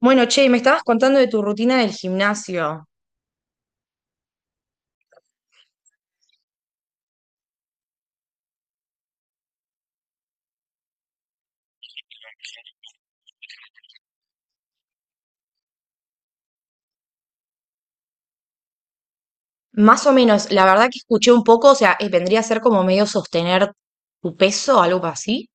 Bueno, che, me estabas contando de tu rutina del gimnasio. Más o menos, la verdad que escuché un poco, o sea, vendría a ser como medio sostener tu peso, algo así.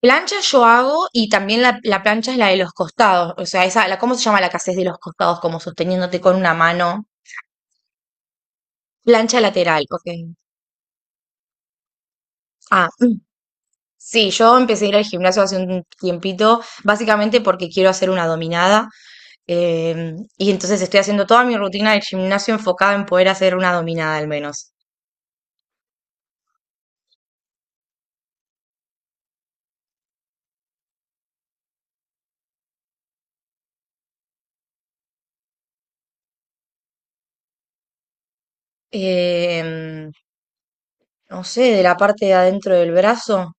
Plancha yo hago y también la plancha es la de los costados, o sea, esa, la, ¿cómo se llama la que haces de los costados? Como sosteniéndote con una mano. Plancha lateral, ok. Ah, mm, sí, yo empecé a ir al gimnasio hace un tiempito, básicamente porque quiero hacer una dominada. Y entonces estoy haciendo toda mi rutina del gimnasio enfocada en poder hacer una dominada al menos. Em, no sé, de la parte de adentro del brazo.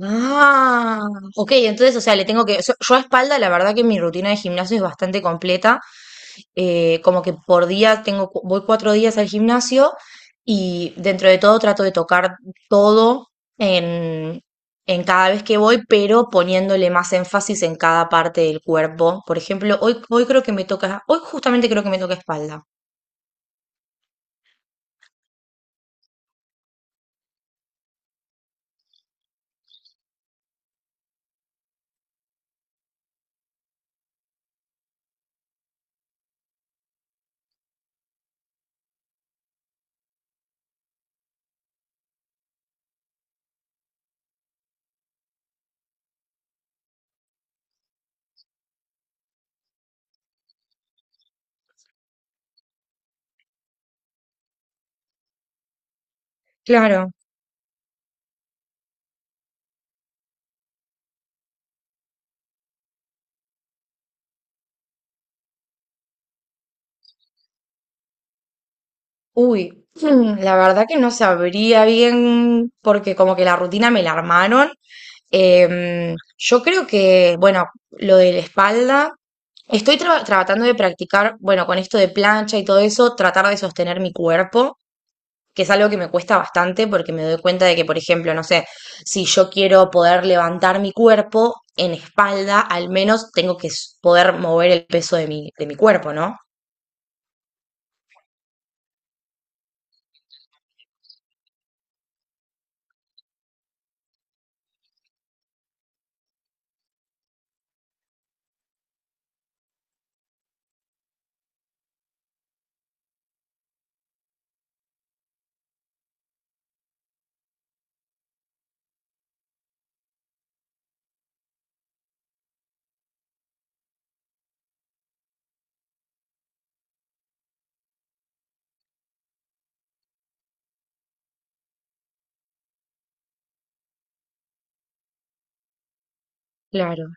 Ah, ok, entonces, o sea, le tengo que... Yo a espalda, la verdad que mi rutina de gimnasio es bastante completa. Como que por día tengo, voy 4 días al gimnasio y dentro de todo trato de tocar todo en, en cada vez que voy, pero poniéndole más énfasis en cada parte del cuerpo. Por ejemplo, hoy, hoy creo que me toca, hoy justamente creo que me toca espalda. Claro. Uy, hmm, la verdad que no sabría bien porque como que la rutina me la armaron. Yo creo que, bueno, lo de la espalda, estoy tratando de practicar, bueno, con esto de plancha y todo eso, tratar de sostener mi cuerpo, que es algo que me cuesta bastante porque me doy cuenta de que, por ejemplo, no sé, si yo quiero poder levantar mi cuerpo en espalda, al menos tengo que poder mover el peso de mi cuerpo, ¿no? Claro.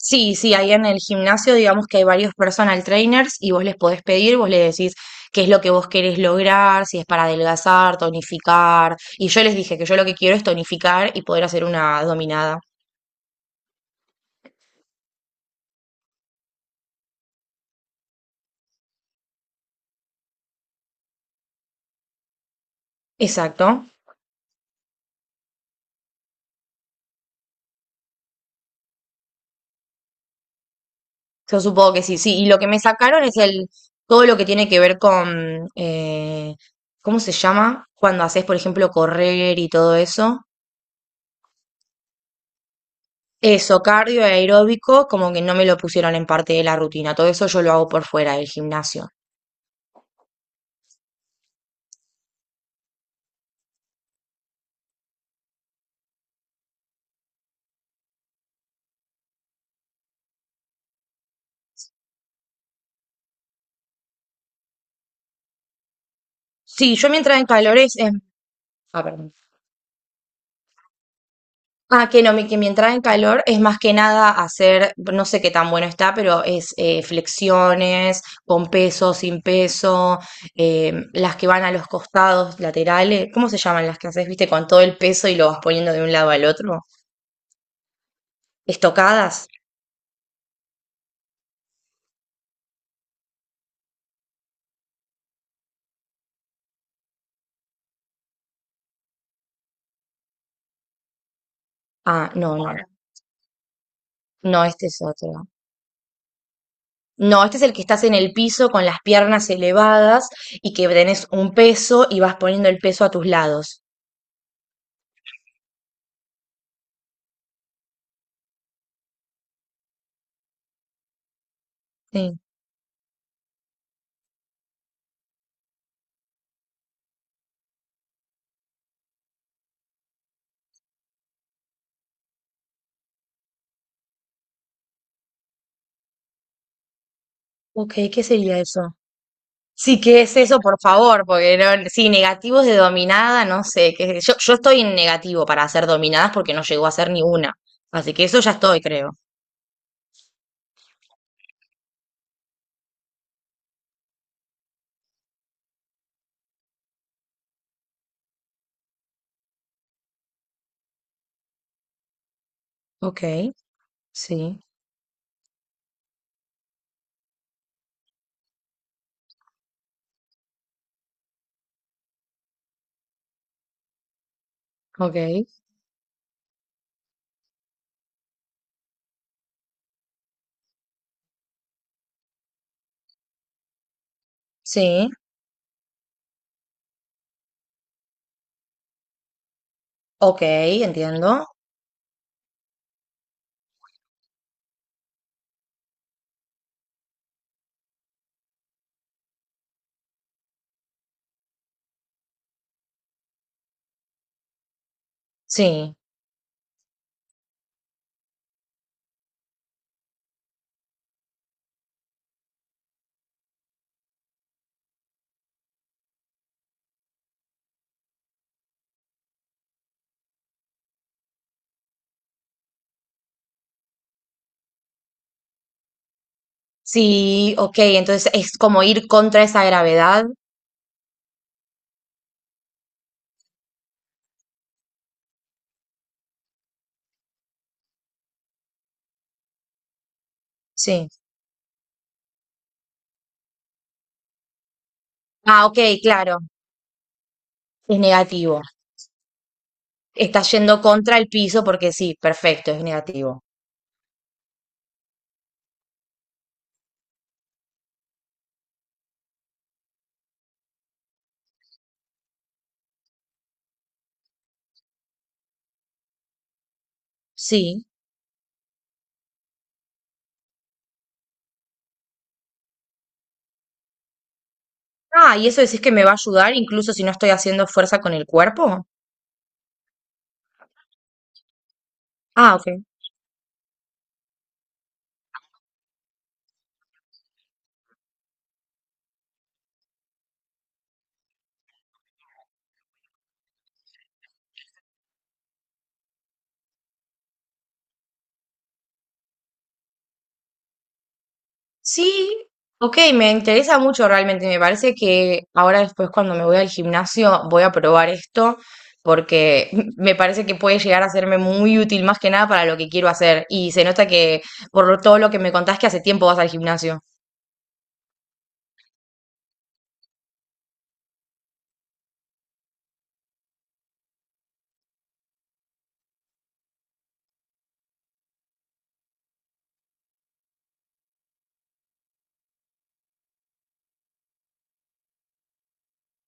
Sí, sí, ahí en el gimnasio digamos que hay varios personal trainers y vos les podés pedir, vos le decís qué es lo que vos querés lograr, si es para adelgazar, tonificar. Y yo les dije que yo lo que quiero es tonificar y poder hacer una dominada. Exacto. Yo supongo que sí, sí. Y lo que me sacaron es el todo lo que tiene que ver con ¿cómo se llama? Cuando haces, por ejemplo, correr y todo eso. Eso, cardio y aeróbico, como que no me lo pusieron en parte de la rutina. Todo eso yo lo hago por fuera del gimnasio. Sí, yo mi entrada en calor Ah, perdón. Ah, que no, mi, que mi entrada en calor es más que nada hacer, no sé qué tan bueno está, pero es flexiones con peso, sin peso, las que van a los costados laterales, ¿cómo se llaman las que haces, viste, con todo el peso y lo vas poniendo de un lado al otro? ¿Estocadas? Ah, no, este es otro. No, este es el que estás en el piso con las piernas elevadas y que tenés un peso y vas poniendo el peso a tus lados. Sí. Ok, ¿qué sería eso? Sí, ¿qué es eso, por favor? Porque sí, negativos de dominada, no sé, qué sé yo, yo estoy en negativo para hacer dominadas porque no llegó a ser ni una. Así que eso ya estoy, creo. Ok, sí, ok, sí, ok, entiendo. Sí, sí, ok, entonces es como ir contra esa gravedad. Sí. Ah, ok, claro, es negativo. Está yendo contra el piso porque sí, perfecto, es negativo. Sí. Ah, ¿y eso decís que me va a ayudar incluso si no estoy haciendo fuerza con el cuerpo? Ah, ok. Sí, ok, me interesa mucho realmente. Me parece que ahora después cuando me voy al gimnasio voy a probar esto porque me parece que puede llegar a serme muy útil más que nada para lo que quiero hacer. Y se nota que todo lo que me contás que hace tiempo vas al gimnasio.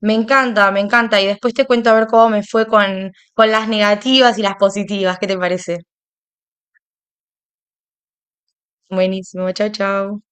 Me encanta, me encanta. Y después te cuento a ver cómo me fue con las negativas y las positivas. ¿Qué te parece? Buenísimo, chao, chao.